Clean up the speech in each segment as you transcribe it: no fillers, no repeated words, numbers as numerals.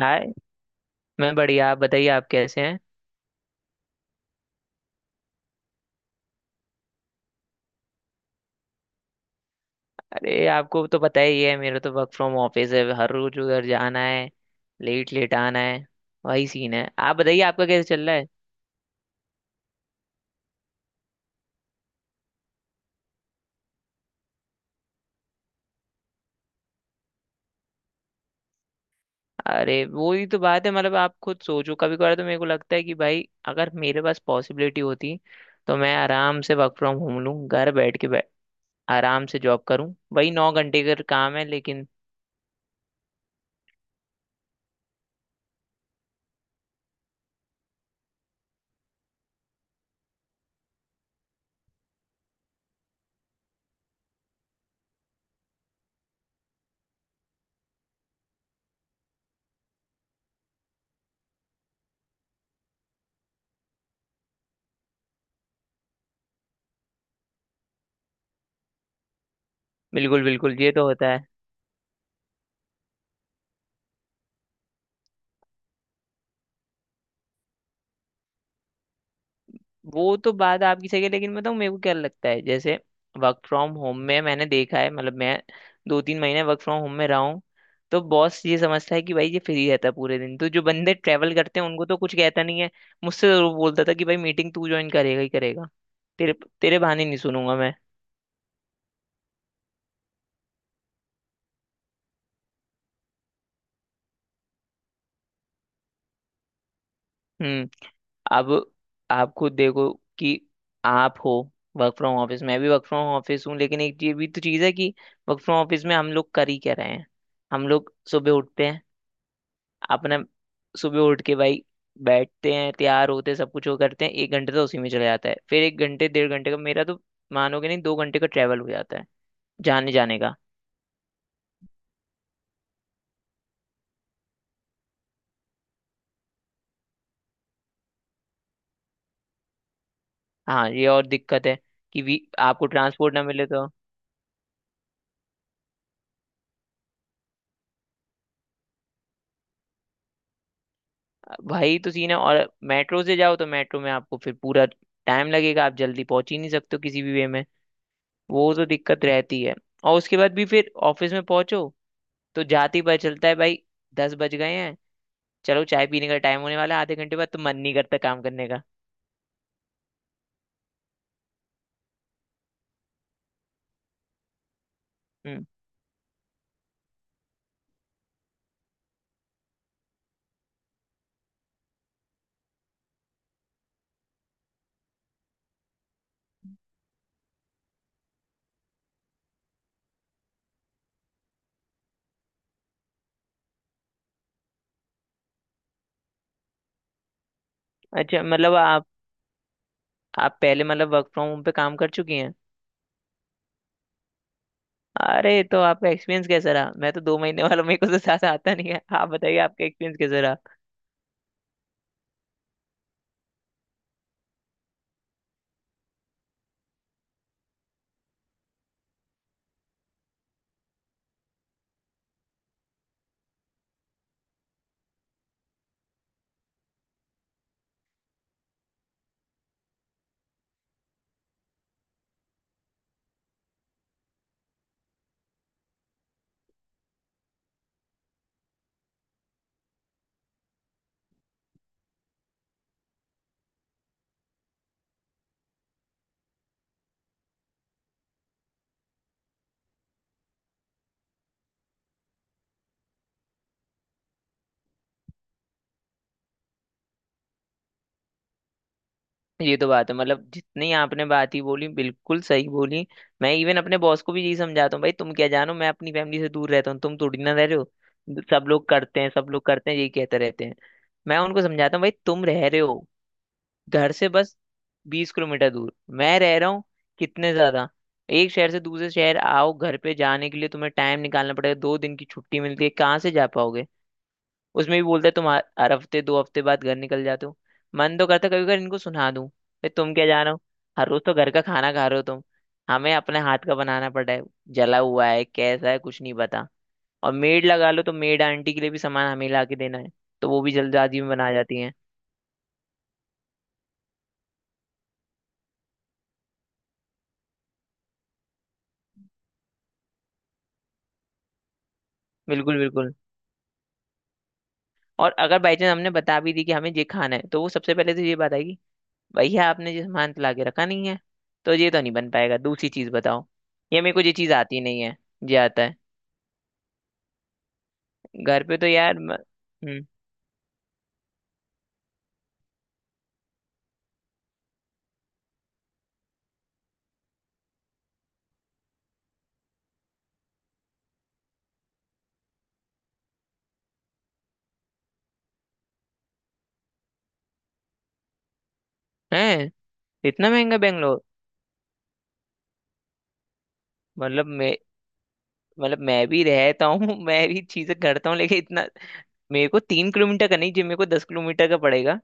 हाय। मैं बढ़िया, आप बताइए, आप कैसे हैं? अरे आपको तो पता ही है, मेरा तो वर्क फ्रॉम ऑफिस है, हर रोज उधर जाना है, लेट लेट आना है। वही सीन है, आप बताइए आपका कैसे चल रहा है? अरे वो ही तो बात है। मतलब आप खुद सोचो, कभी कभार तो मेरे को लगता है कि भाई, अगर मेरे पास पॉसिबिलिटी होती तो मैं आराम से वर्क फ्रॉम होम लूँ, घर बैठ के आराम से जॉब करूँ। वही 9 घंटे का काम है लेकिन। बिल्कुल बिल्कुल, ये तो होता है। वो तो बात आपकी सही है, लेकिन बताऊँ मेरे को क्या लगता है, जैसे वर्क फ्रॉम होम में मैंने देखा है। मतलब मैं दो तीन महीने वर्क फ्रॉम होम में रहा हूँ, तो बॉस ये समझता है कि भाई ये फ्री रहता है पूरे दिन, तो जो बंदे ट्रैवल करते हैं उनको तो कुछ कहता नहीं है, मुझसे जरूर बोलता था कि भाई मीटिंग तू ज्वाइन करेगा ही करेगा। तेरे तेरे बहाने नहीं सुनूंगा मैं। हम्म। अब आप खुद देखो कि आप हो वर्क फ्रॉम ऑफिस, मैं भी वर्क फ्रॉम ऑफिस हूँ, लेकिन एक ये भी तो चीज़ है कि वर्क फ्रॉम ऑफिस में हम लोग कर ही क्या रहे हैं। हम लोग सुबह उठते हैं, अपने सुबह उठ के भाई बैठते हैं, तैयार होते हैं, सब कुछ वो करते हैं, एक घंटे तो उसी में चला जाता है, फिर एक घंटे डेढ़ घंटे का मेरा तो, मानोगे नहीं, 2 घंटे का ट्रैवल हो जाता है जाने जाने का। हाँ ये और दिक्कत है कि भी आपको ट्रांसपोर्ट ना मिले तो भाई तो सीन है। और मेट्रो से जाओ तो मेट्रो में आपको फिर पूरा टाइम लगेगा, आप जल्दी पहुंच ही नहीं सकते हो किसी भी वे में। वो तो दिक्कत रहती है, और उसके बाद भी फिर ऑफिस में पहुंचो तो जाते ही पता चलता है भाई 10 बज गए हैं। चलो चाय पीने का टाइम होने वाला है आधे घंटे बाद, तो मन नहीं करता काम करने का। हम्म। अच्छा, मतलब आप पहले मतलब वर्क फ्रॉम होम पे काम कर चुकी हैं। अरे तो आपका एक्सपीरियंस कैसा रहा? मैं तो 2 महीने वाला, मेरे को तो ज्यादा आता नहीं है। आप बताइए आपका एक्सपीरियंस कैसा रहा? ये तो बात है। मतलब जितनी आपने बात ही बोली बिल्कुल सही बोली। मैं इवन अपने बॉस को भी यही समझाता हूँ, भाई तुम क्या जानो, मैं अपनी फैमिली से दूर रहता हूँ, तुम थोड़ी ना रह रहे हो, सब लोग करते हैं सब लोग करते हैं यही कहते रहते हैं। मैं उनको समझाता हूँ भाई तुम रह रहे हो घर से बस 20 किलोमीटर दूर, मैं रह रहा हूँ कितने ज्यादा, एक शहर से दूसरे शहर। आओ घर पे जाने के लिए तुम्हें टाइम निकालना पड़ेगा, 2 दिन की छुट्टी मिलती है कहाँ से जा पाओगे। उसमें भी बोलते हैं तुम हर हर हफ्ते 2 हफ्ते बाद घर निकल जाते हो। मन तो करता कभी कभी इनको सुना दूं, भाई तुम क्या जानो, हर रोज तो घर का खाना खा रहे हो तुम। हमें अपने हाथ का बनाना पड़ा है, जला हुआ है कैसा है कुछ नहीं पता। और मेड लगा लो तो मेड आंटी के लिए भी सामान हमें ला के देना है, तो वो भी जल्दबाजी में बना जाती है। बिल्कुल बिल्कुल। और अगर बाई चांस हमने बता भी दी कि हमें ये खाना है, तो वो सबसे पहले तो ये बात आएगी, भैया आपने ये सामान तो लाके रखा नहीं है तो ये तो नहीं बन पाएगा, दूसरी चीज बताओ, या मेरे को ये चीज आती नहीं है, ये आता है। घर पे तो यार हम्म। है इतना महंगा बेंगलोर? मतलब मैं मतलब मैं भी रहता हूँ मैं भी चीजें करता हूँ, लेकिन इतना मेरे को 3 किलोमीटर का नहीं, जो मेरे को 10 किलोमीटर का पड़ेगा,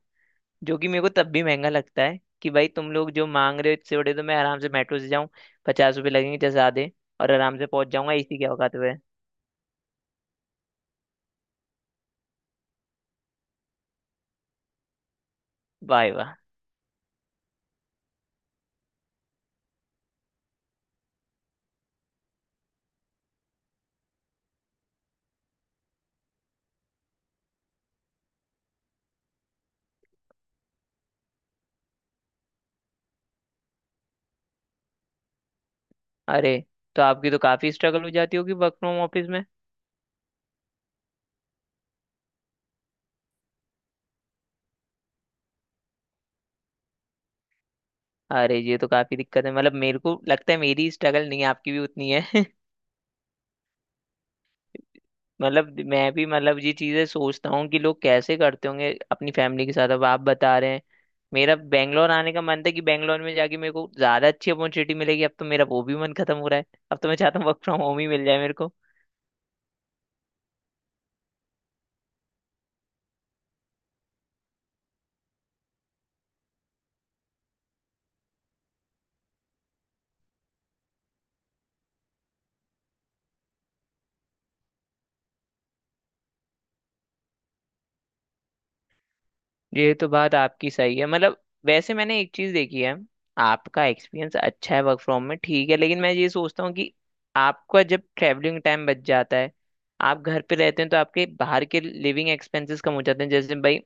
जो कि मेरे को तब भी महंगा लगता है कि भाई तुम लोग जो मांग रहे हो इससे बड़े तो मैं आराम से मेट्रो से जाऊं, 50 रुपये लगेंगे जैसे, आधे, और आराम से पहुंच जाऊंगा, इसी के औकात हुए। वाह वाह, अरे तो आपकी तो काफी स्ट्रगल हो जाती होगी वर्क फ्रॉम ऑफिस में। अरे ये तो काफी दिक्कत है, मतलब मेरे को लगता है मेरी स्ट्रगल नहीं है, आपकी भी उतनी है। मतलब मैं भी, मतलब ये चीजें सोचता हूँ कि लोग कैसे करते होंगे अपनी फैमिली के साथ, अब आप बता रहे हैं। मेरा बैंगलोर आने का मन था कि बैंगलोर में जाके मेरे को ज्यादा अच्छी अपॉर्चुनिटी मिलेगी, अब तो मेरा वो भी मन खत्म हो रहा है। अब तो मैं चाहता हूँ वर्क फ्रॉम होम ही मिल जाए मेरे को। ये तो बात आपकी सही है। मतलब वैसे मैंने एक चीज देखी है, आपका एक्सपीरियंस अच्छा है वर्क फ्रॉम में, ठीक है, लेकिन मैं ये सोचता हूँ कि आपका जब ट्रैवलिंग टाइम बच जाता है, आप घर पे रहते हैं, तो आपके बाहर के लिविंग एक्सपेंसेस कम हो जाते हैं, जैसे भाई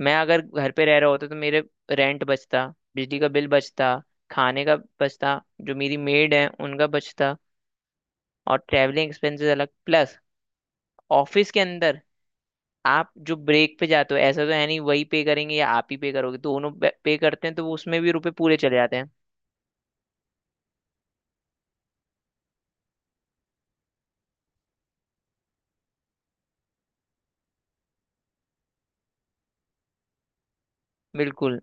मैं अगर घर पे रह रहा होता तो मेरे रेंट बचता, बिजली का बिल बचता, खाने का बचता, जो मेरी मेड है उनका बचता, और ट्रैवलिंग एक्सपेंसेस अलग, प्लस ऑफिस के अंदर आप जो ब्रेक पे जाते हो, ऐसा तो है नहीं वही पे करेंगे या आप ही पे करोगे, दोनों पे करते हैं तो वो उसमें भी रुपए पूरे चले जाते हैं। बिल्कुल।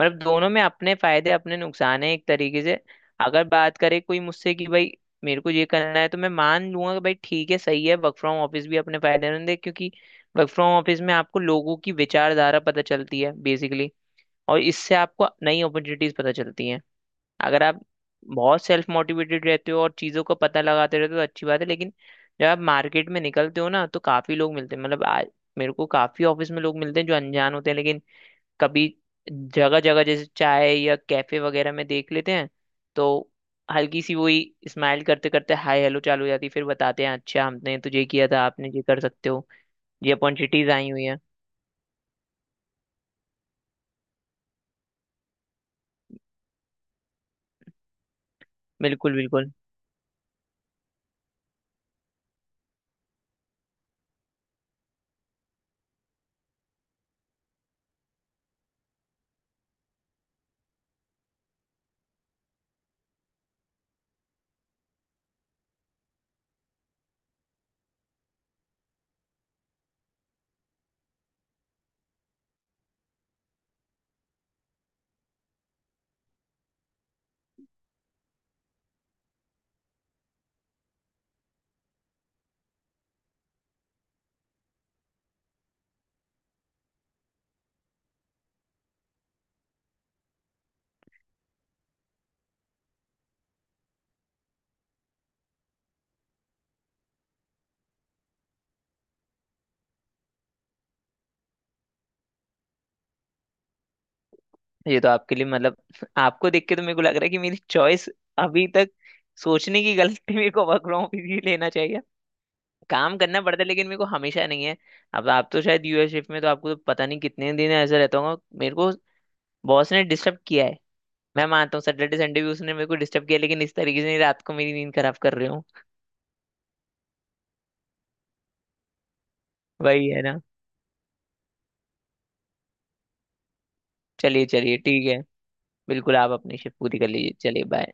मतलब दोनों में अपने फायदे अपने नुकसान है एक तरीके से। अगर बात करे कोई मुझसे कि भाई मेरे को ये करना है, तो मैं मान लूंगा कि भाई ठीक है, सही है, वर्क फ्रॉम ऑफिस भी अपने फायदेमंद है, क्योंकि वर्क फ्रॉम ऑफिस में आपको लोगों की विचारधारा पता चलती है बेसिकली, और इससे आपको नई अपॉर्चुनिटीज पता चलती हैं। अगर आप बहुत सेल्फ मोटिवेटेड रहते हो और चीज़ों का पता लगाते रहते हो तो अच्छी बात है, लेकिन जब आप मार्केट में निकलते हो ना तो काफ़ी लोग मिलते हैं। मतलब आज मेरे को काफ़ी ऑफिस में लोग मिलते हैं जो अनजान होते हैं, लेकिन कभी जगह जगह जैसे चाय या कैफे वगैरह में देख लेते हैं तो हल्की सी वही स्माइल करते करते हाय हेलो चालू हो जाती है, फिर बताते हैं अच्छा हमने तुझे किया था आपने ये कर सकते हो, ये अपॉर्चुनिटीज आई हुई हैं। बिल्कुल बिल्कुल। ये तो आपके लिए मतलब आपको देख के तो मेरे को लग रहा है कि मेरी चॉइस अभी तक सोचने की गलती, मेरे को वर्क फ्रॉम ऑफिस ही लेना चाहिए। काम करना पड़ता है लेकिन मेरे को हमेशा नहीं है। अब आप तो शायद यूएस शिफ्ट में, तो आपको तो पता नहीं कितने दिन ऐसा रहता होगा मेरे को बॉस ने डिस्टर्ब किया है। मैं मानता हूँ सैटरडे संडे भी उसने मेरे को डिस्टर्ब किया, लेकिन इस तरीके से नहीं, रात को मेरी नींद खराब कर रहे हो। वही है ना। चलिए चलिए ठीक है। बिल्कुल आप अपनी शिफ्ट पूरी कर लीजिए, चलिए बाय।